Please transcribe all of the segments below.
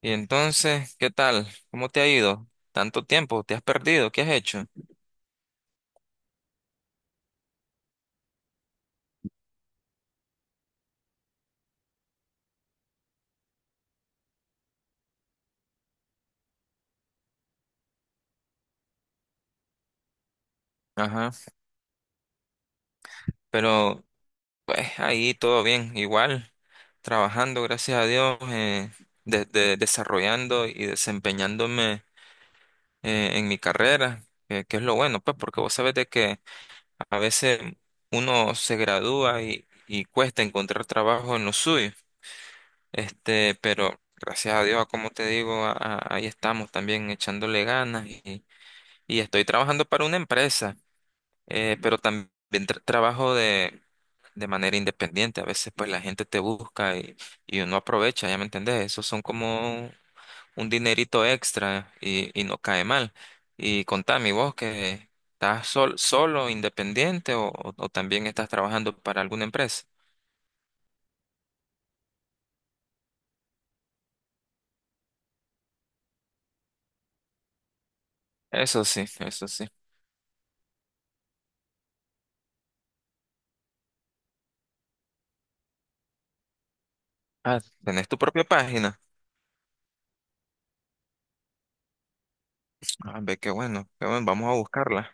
Y entonces, ¿qué tal? ¿Cómo te ha ido? ¿Tanto tiempo? ¿Te has perdido? ¿Qué has hecho? Ajá. Pero, pues, ahí todo bien, igual, trabajando, gracias a Dios, desarrollando y desempeñándome en mi carrera, que es lo bueno, pues, porque vos sabés de que a veces uno se gradúa y cuesta encontrar trabajo en lo suyo. Este, pero gracias a Dios, como te digo, ahí estamos también echándole ganas y estoy trabajando para una empresa, pero también trabajo de manera independiente. A veces pues la gente te busca y uno aprovecha, ya me entendés, esos son como un dinerito extra y no cae mal. Y contame, ¿y vos que estás solo, independiente o, o también estás trabajando para alguna empresa? Eso sí, eso sí. Ah, ¿tenés tu propia página? Ah, ve, qué bueno, vamos a buscarla.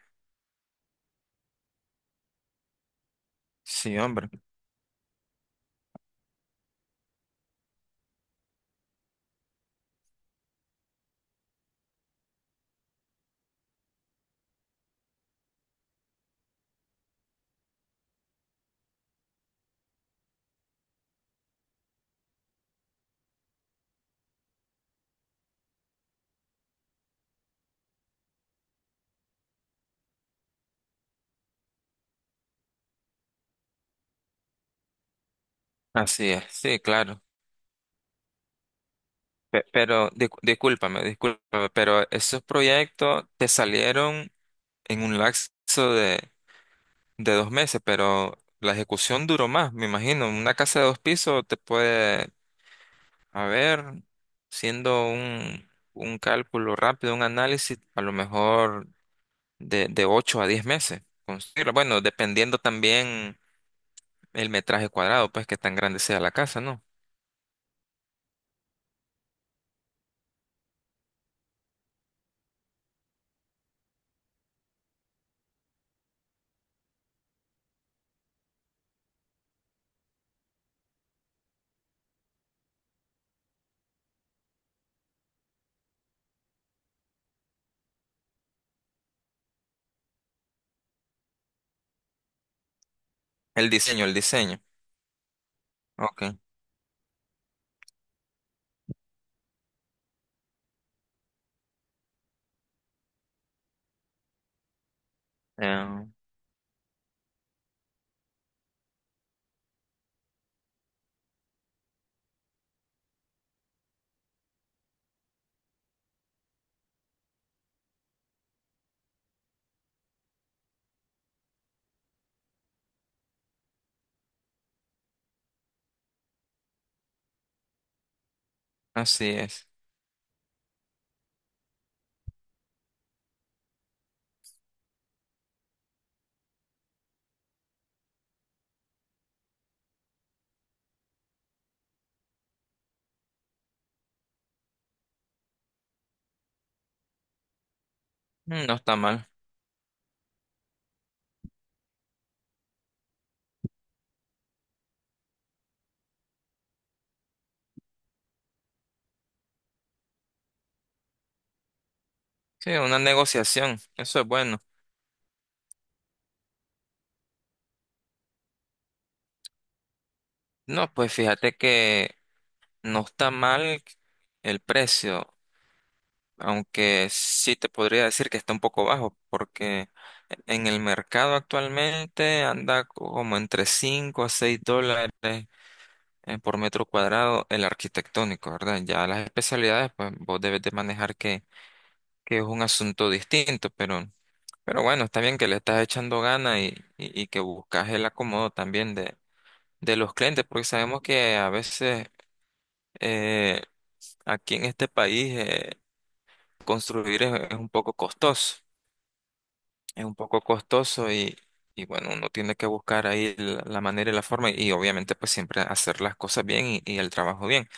Sí, hombre. Así es, sí, claro. Pero discúlpame, discúlpame, pero esos proyectos te salieron en un lapso de 2 meses, pero la ejecución duró más, me imagino. Una casa de 2 pisos te puede. A ver, siendo un cálculo rápido, un análisis, a lo mejor de 8 a 10 meses construirlo. Bueno, dependiendo también el metraje cuadrado, pues que tan grande sea la casa, ¿no? El diseño, el diseño. Ok. eh, Así es. Mm, no está mal. Sí, una negociación. Eso es bueno. No, pues fíjate que no está mal el precio, aunque sí te podría decir que está un poco bajo, porque en el mercado actualmente anda como entre 5 a 6 dólares, por metro cuadrado el arquitectónico, ¿verdad? Ya las especialidades, pues vos debes de manejar que es un asunto distinto, pero bueno, está bien que le estás echando ganas y que buscas el acomodo también de los clientes, porque sabemos que a veces eh, aquí en este país, construir es un poco costoso. Es un poco costoso y bueno, uno tiene que buscar ahí la, la manera y la forma y obviamente pues siempre hacer las cosas bien y el trabajo bien.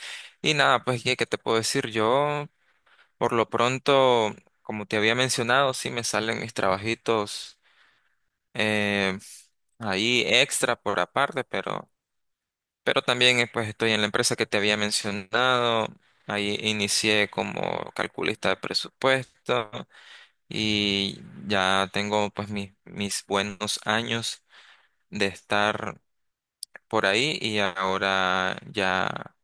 Y nada, pues ¿qué, qué te puedo decir? Yo por lo pronto, como te había mencionado, sí me salen mis trabajitos, eh, ahí extra por aparte, pero también, pues estoy en la empresa que te había mencionado. Ahí inicié como calculista de presupuesto y ya tengo pues mis buenos años de estar por ahí y ahora ya,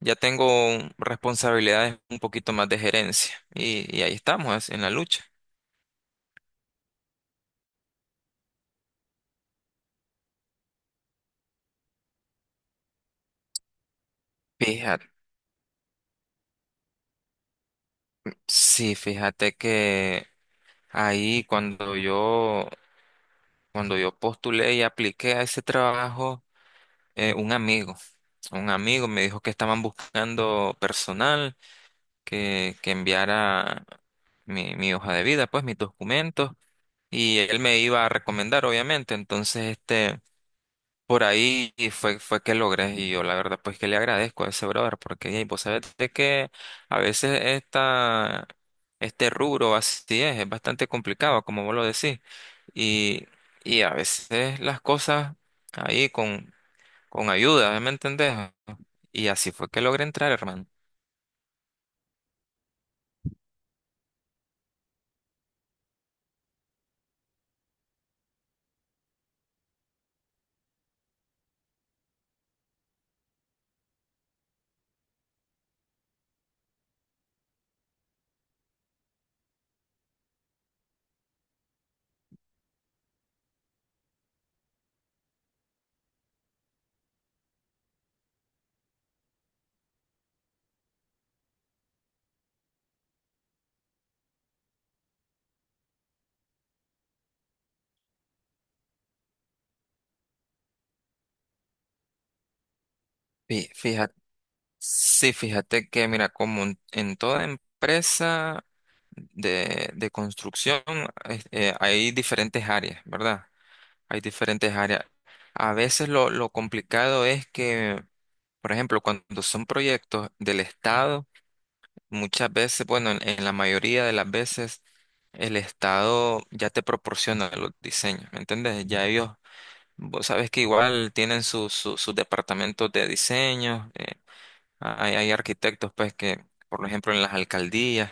ya tengo responsabilidades un poquito más de gerencia y ahí estamos en la lucha. Fíjate, sí, fíjate que ahí cuando yo postulé y apliqué a ese trabajo, eh, un amigo, un amigo me dijo que estaban buscando personal, que enviara mi hoja de vida, pues mis documentos, y él me iba a recomendar, obviamente. Entonces, este, por ahí fue que logré, y yo la verdad, pues que le agradezco a ese brother, porque ey, vos sabés de que a veces este rubro así es bastante complicado, como vos lo decís, y, y a veces las cosas ahí con ayuda, ¿me entendés? Y así fue que logré entrar, hermano. Fíjate. Sí, fíjate que, mira, como en toda empresa de construcción, hay diferentes áreas, ¿verdad? Hay diferentes áreas. A veces lo complicado es que, por ejemplo, cuando son proyectos del Estado, muchas veces, bueno, en la mayoría de las veces, el Estado ya te proporciona los diseños, ¿me entiendes? Ya ellos, vos sabes que igual tienen sus sus departamentos de diseño. Hay, hay arquitectos, pues, que, por ejemplo, en las alcaldías,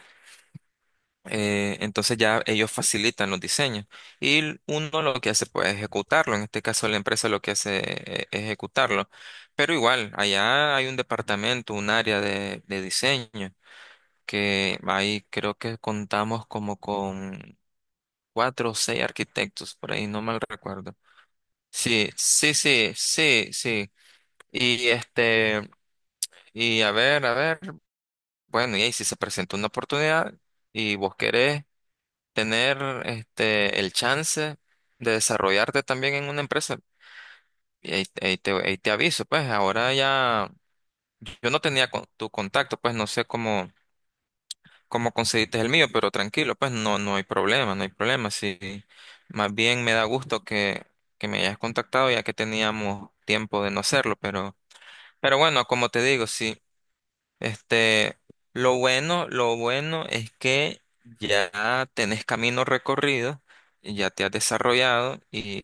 entonces ya ellos facilitan los diseños y uno lo que hace, pues, es ejecutarlo. En este caso, la empresa lo que hace, es ejecutarlo. Pero igual, allá hay un departamento, un área de diseño, que ahí creo que contamos como con 4 o 6 arquitectos, por ahí, no mal recuerdo. Sí, sí, sí, sí, sí. Y este, y a ver, a ver. Bueno, y ahí si se presenta una oportunidad y vos querés tener este el chance de desarrollarte también en una empresa, y ahí, ahí te aviso, pues ahora ya yo no tenía tu contacto, pues no sé cómo, cómo conseguiste el mío, pero tranquilo, pues no, no hay problema, no hay problema. Sí, más bien me da gusto que me hayas contactado ya que teníamos tiempo de no hacerlo, pero bueno, como te digo, sí. Este, lo bueno es que ya tenés camino recorrido, y ya te has desarrollado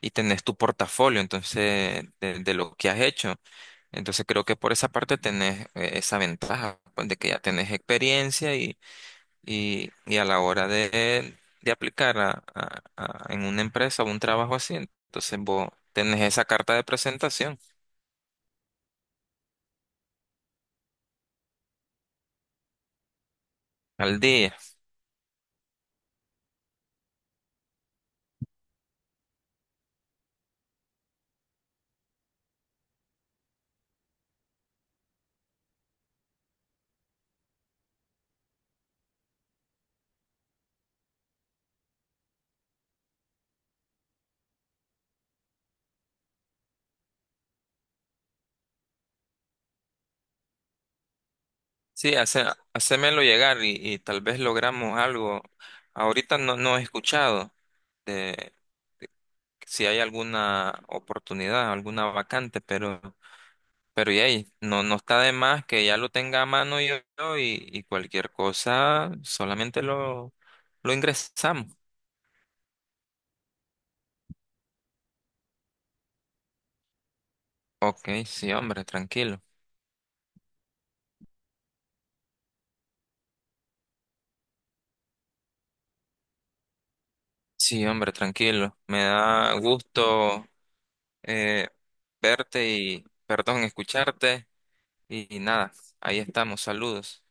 y tenés tu portafolio, entonces, de lo que has hecho. Entonces creo que por esa parte tenés, esa ventaja, pues, de que ya tenés experiencia y a la hora de aplicar en una empresa o un trabajo así, entonces vos tenés esa carta de presentación al día. Sí, hace, hacémelo llegar y tal vez logramos algo. Ahorita no, no he escuchado de si hay alguna oportunidad, alguna vacante, pero y ahí, no, no está de más que ya lo tenga a mano yo, yo y cualquier cosa, solamente lo ingresamos. Ok, sí, hombre, tranquilo. Sí, hombre, tranquilo. Me da gusto, eh, verte y, perdón, escucharte y nada, ahí estamos, saludos.